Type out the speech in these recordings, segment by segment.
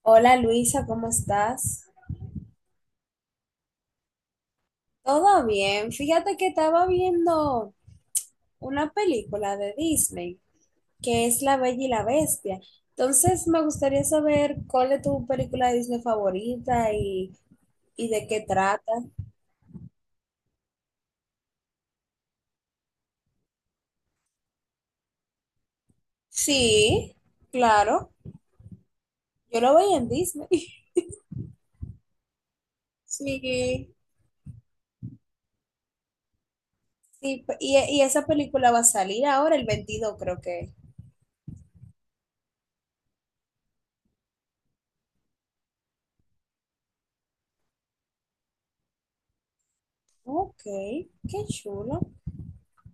Hola Luisa, ¿cómo estás? Todo bien. Fíjate que estaba viendo una película de Disney que es La Bella y la Bestia. Entonces me gustaría saber cuál es tu película de Disney favorita y de qué trata. Sí, claro. Yo lo veía en Disney. Sí, sí. Y esa película va a salir ahora, el 22, creo que. Ok, qué chulo.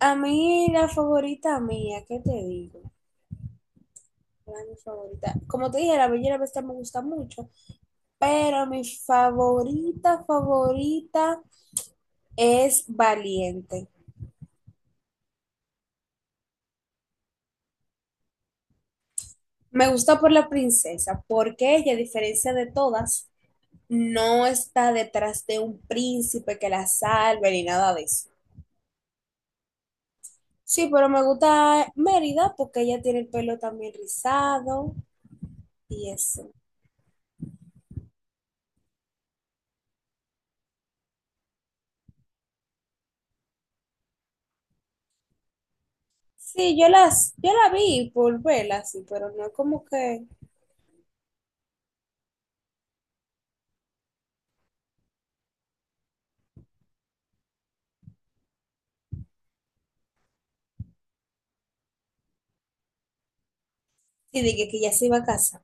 A mí la favorita mía, ¿qué te digo? Era mi favorita. Como te dije, la Bella y la Bestia me gusta mucho, pero mi favorita, favorita es Valiente. Me gusta por la princesa, porque ella, a diferencia de todas, no está detrás de un príncipe que la salve ni nada de eso. Sí, pero me gusta Mérida porque ella tiene el pelo también rizado y eso. Sí, yo la vi por verla, sí, pero no es como que, sí, dije que ya se iba a casa.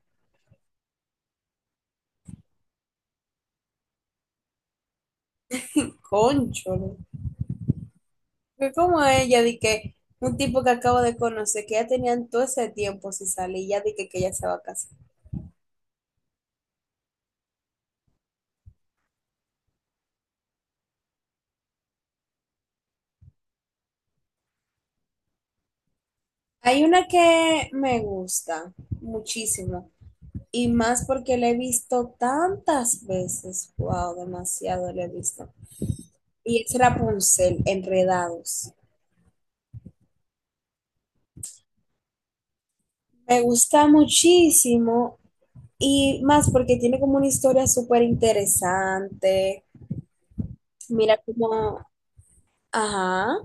Concho. ¿No? Fue como ella, de que un tipo que acabo de conocer, que ya tenían todo ese tiempo si sale y ya dije que ella se va a casar. Hay una que me gusta muchísimo y más porque la he visto tantas veces, wow, demasiado la he visto. Y es Rapunzel, Enredados. Me gusta muchísimo y más porque tiene como una historia súper interesante. Mira como, ajá.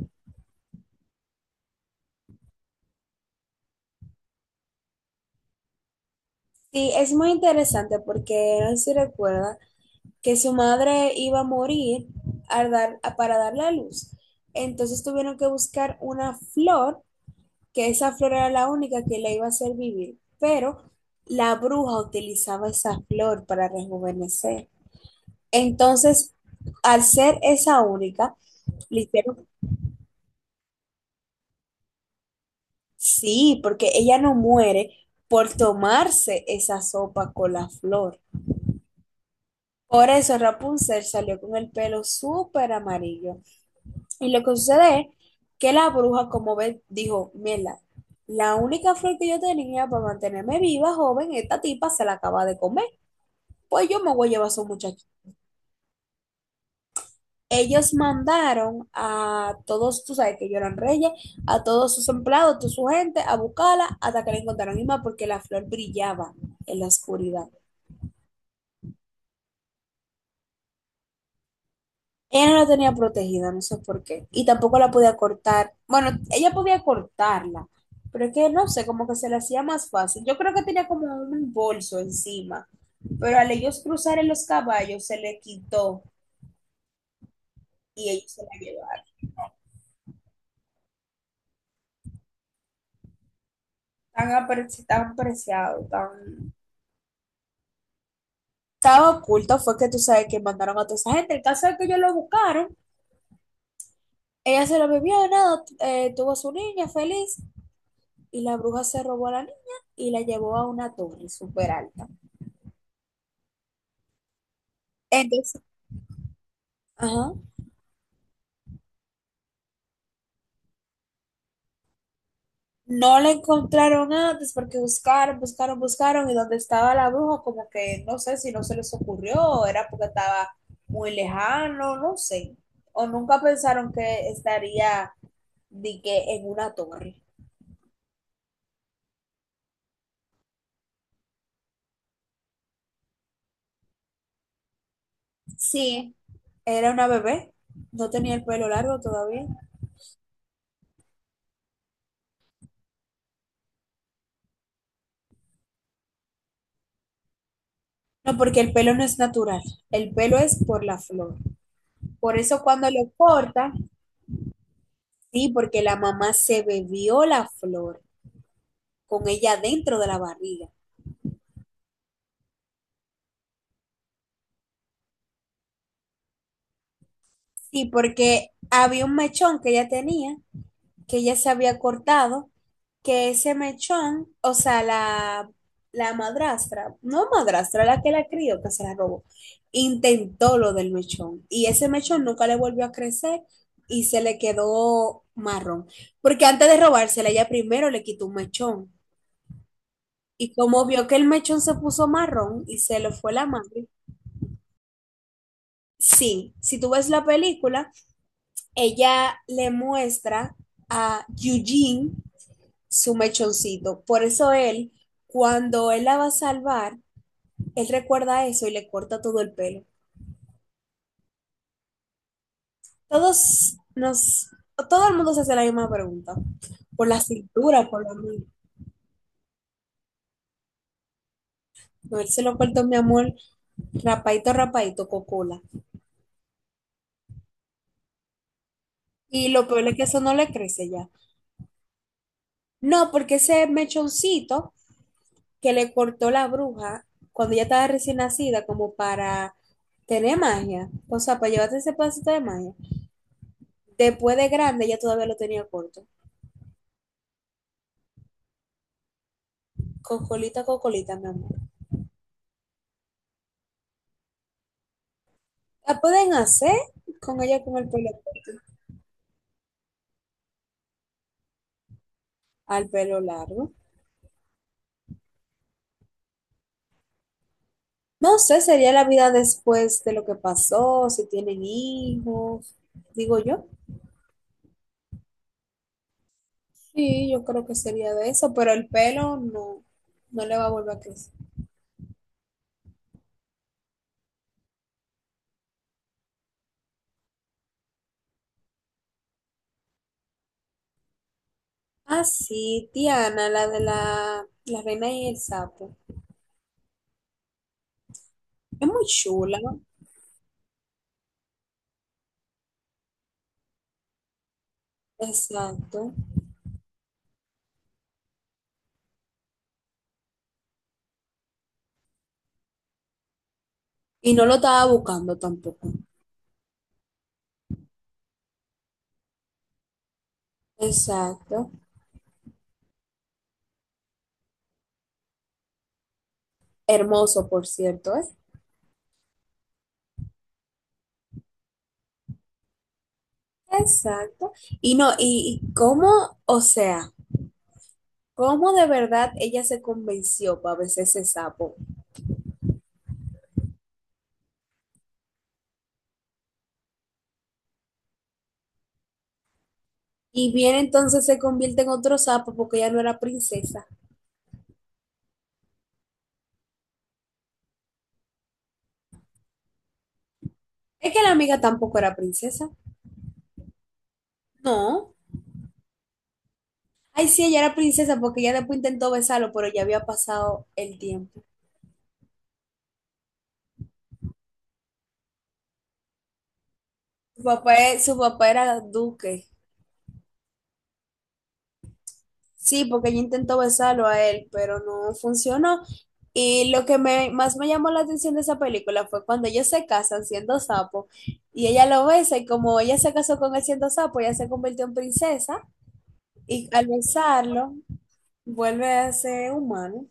Sí, es muy interesante porque, no sé si recuerda, que su madre iba a morir para darle a luz. Entonces tuvieron que buscar una flor, que esa flor era la única que la iba a hacer vivir, pero la bruja utilizaba esa flor para rejuvenecer. Entonces, al ser esa única, le hicieron, sí, porque ella no muere por tomarse esa sopa con la flor. Por eso Rapunzel salió con el pelo súper amarillo. Y lo que sucede es que la bruja, como ve, dijo, mierda, la única flor que yo tenía para mantenerme viva, joven, esta tipa se la acaba de comer. Pues yo me voy a llevar a su muchacho. Ellos mandaron a todos, tú sabes que ellos eran reyes, a todos sus empleados, toda su gente, a buscarla hasta que la encontraron misma porque la flor brillaba en la oscuridad. Ella no la tenía protegida, no sé por qué. Y tampoco la podía cortar. Bueno, ella podía cortarla, pero es que no sé, como que se le hacía más fácil. Yo creo que tenía como un bolso encima, pero al ellos cruzar en los caballos se le quitó y ellos se la llevaron. Tan, tan apreciado, tan… Estaba oculto, fue que tú sabes que mandaron a toda esa gente. El caso es que ellos lo buscaron, ella se lo bebió, nada, tuvo a su niña feliz y la bruja se robó a la niña y la llevó a una torre súper alta. Entonces, ajá. No le encontraron antes porque buscaron, buscaron, buscaron y donde estaba la bruja como que no sé si no se les ocurrió, o era porque estaba muy lejano, no sé. O nunca pensaron que estaría de que en una torre. Sí, era una bebé, no tenía el pelo largo todavía. No, porque el pelo no es natural, el pelo es por la flor. Por eso cuando lo corta, sí, porque la mamá se bebió la flor con ella dentro de la barriga. Sí, porque había un mechón que ella tenía, que ella se había cortado, que ese mechón, o sea, la madrastra, no madrastra, la que la crió, que se la robó, intentó lo del mechón. Y ese mechón nunca le volvió a crecer y se le quedó marrón. Porque antes de robársela, ella primero le quitó un mechón. Y como vio que el mechón se puso marrón y se le fue la madre, sí, si tú ves la película ella le muestra a Eugene su mechoncito. Por eso él, cuando él la va a salvar, él recuerda eso y le corta todo el pelo. Todos nos, todo el mundo se hace la misma pregunta. Por la cintura, por la mano. No, él se lo cortó, mi amor, rapadito, rapadito, cocola. Y lo peor es que eso no le crece ya. No, porque ese mechoncito que le cortó la bruja cuando ella estaba recién nacida, como para tener magia, o sea, para llevarte ese pedacito de magia. Después de grande, ella todavía lo tenía corto. Cocolita, cocolita, mi amor. La pueden hacer con ella con el pelo corto, al pelo largo. No sé, sería la vida después de lo que pasó, si tienen hijos, digo yo. Sí, yo creo que sería de eso, pero el pelo no, no le va a volver a crecer. Ah, sí, Tiana, la de la reina y el sapo. Es muy chula, exacto. Y no lo estaba buscando tampoco. Exacto. Hermoso, por cierto, ¿eh? Exacto. Y no, y cómo, o sea, cómo de verdad ella se convenció para besar ese sapo. Y bien entonces se convierte en otro sapo porque ella no era princesa. Es que la amiga tampoco era princesa. No. Ay, sí, ella era princesa porque ella después intentó besarlo, pero ya había pasado el tiempo. Su papá, su papá era duque. Sí, porque ella intentó besarlo a él, pero no funcionó. Más me llamó la atención de esa película fue cuando ellos se casan siendo sapo y ella lo besa y como ella se casó con él siendo sapo, ella se convirtió en princesa y al besarlo vuelve a ser humano.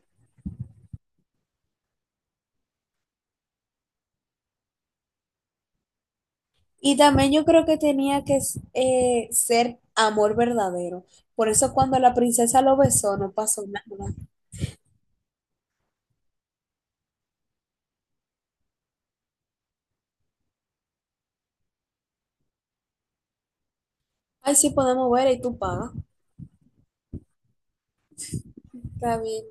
Y también yo creo que tenía que ser amor verdadero. Por eso cuando la princesa lo besó no pasó nada. Ay, sí podemos ver y tú pagas. Está bien,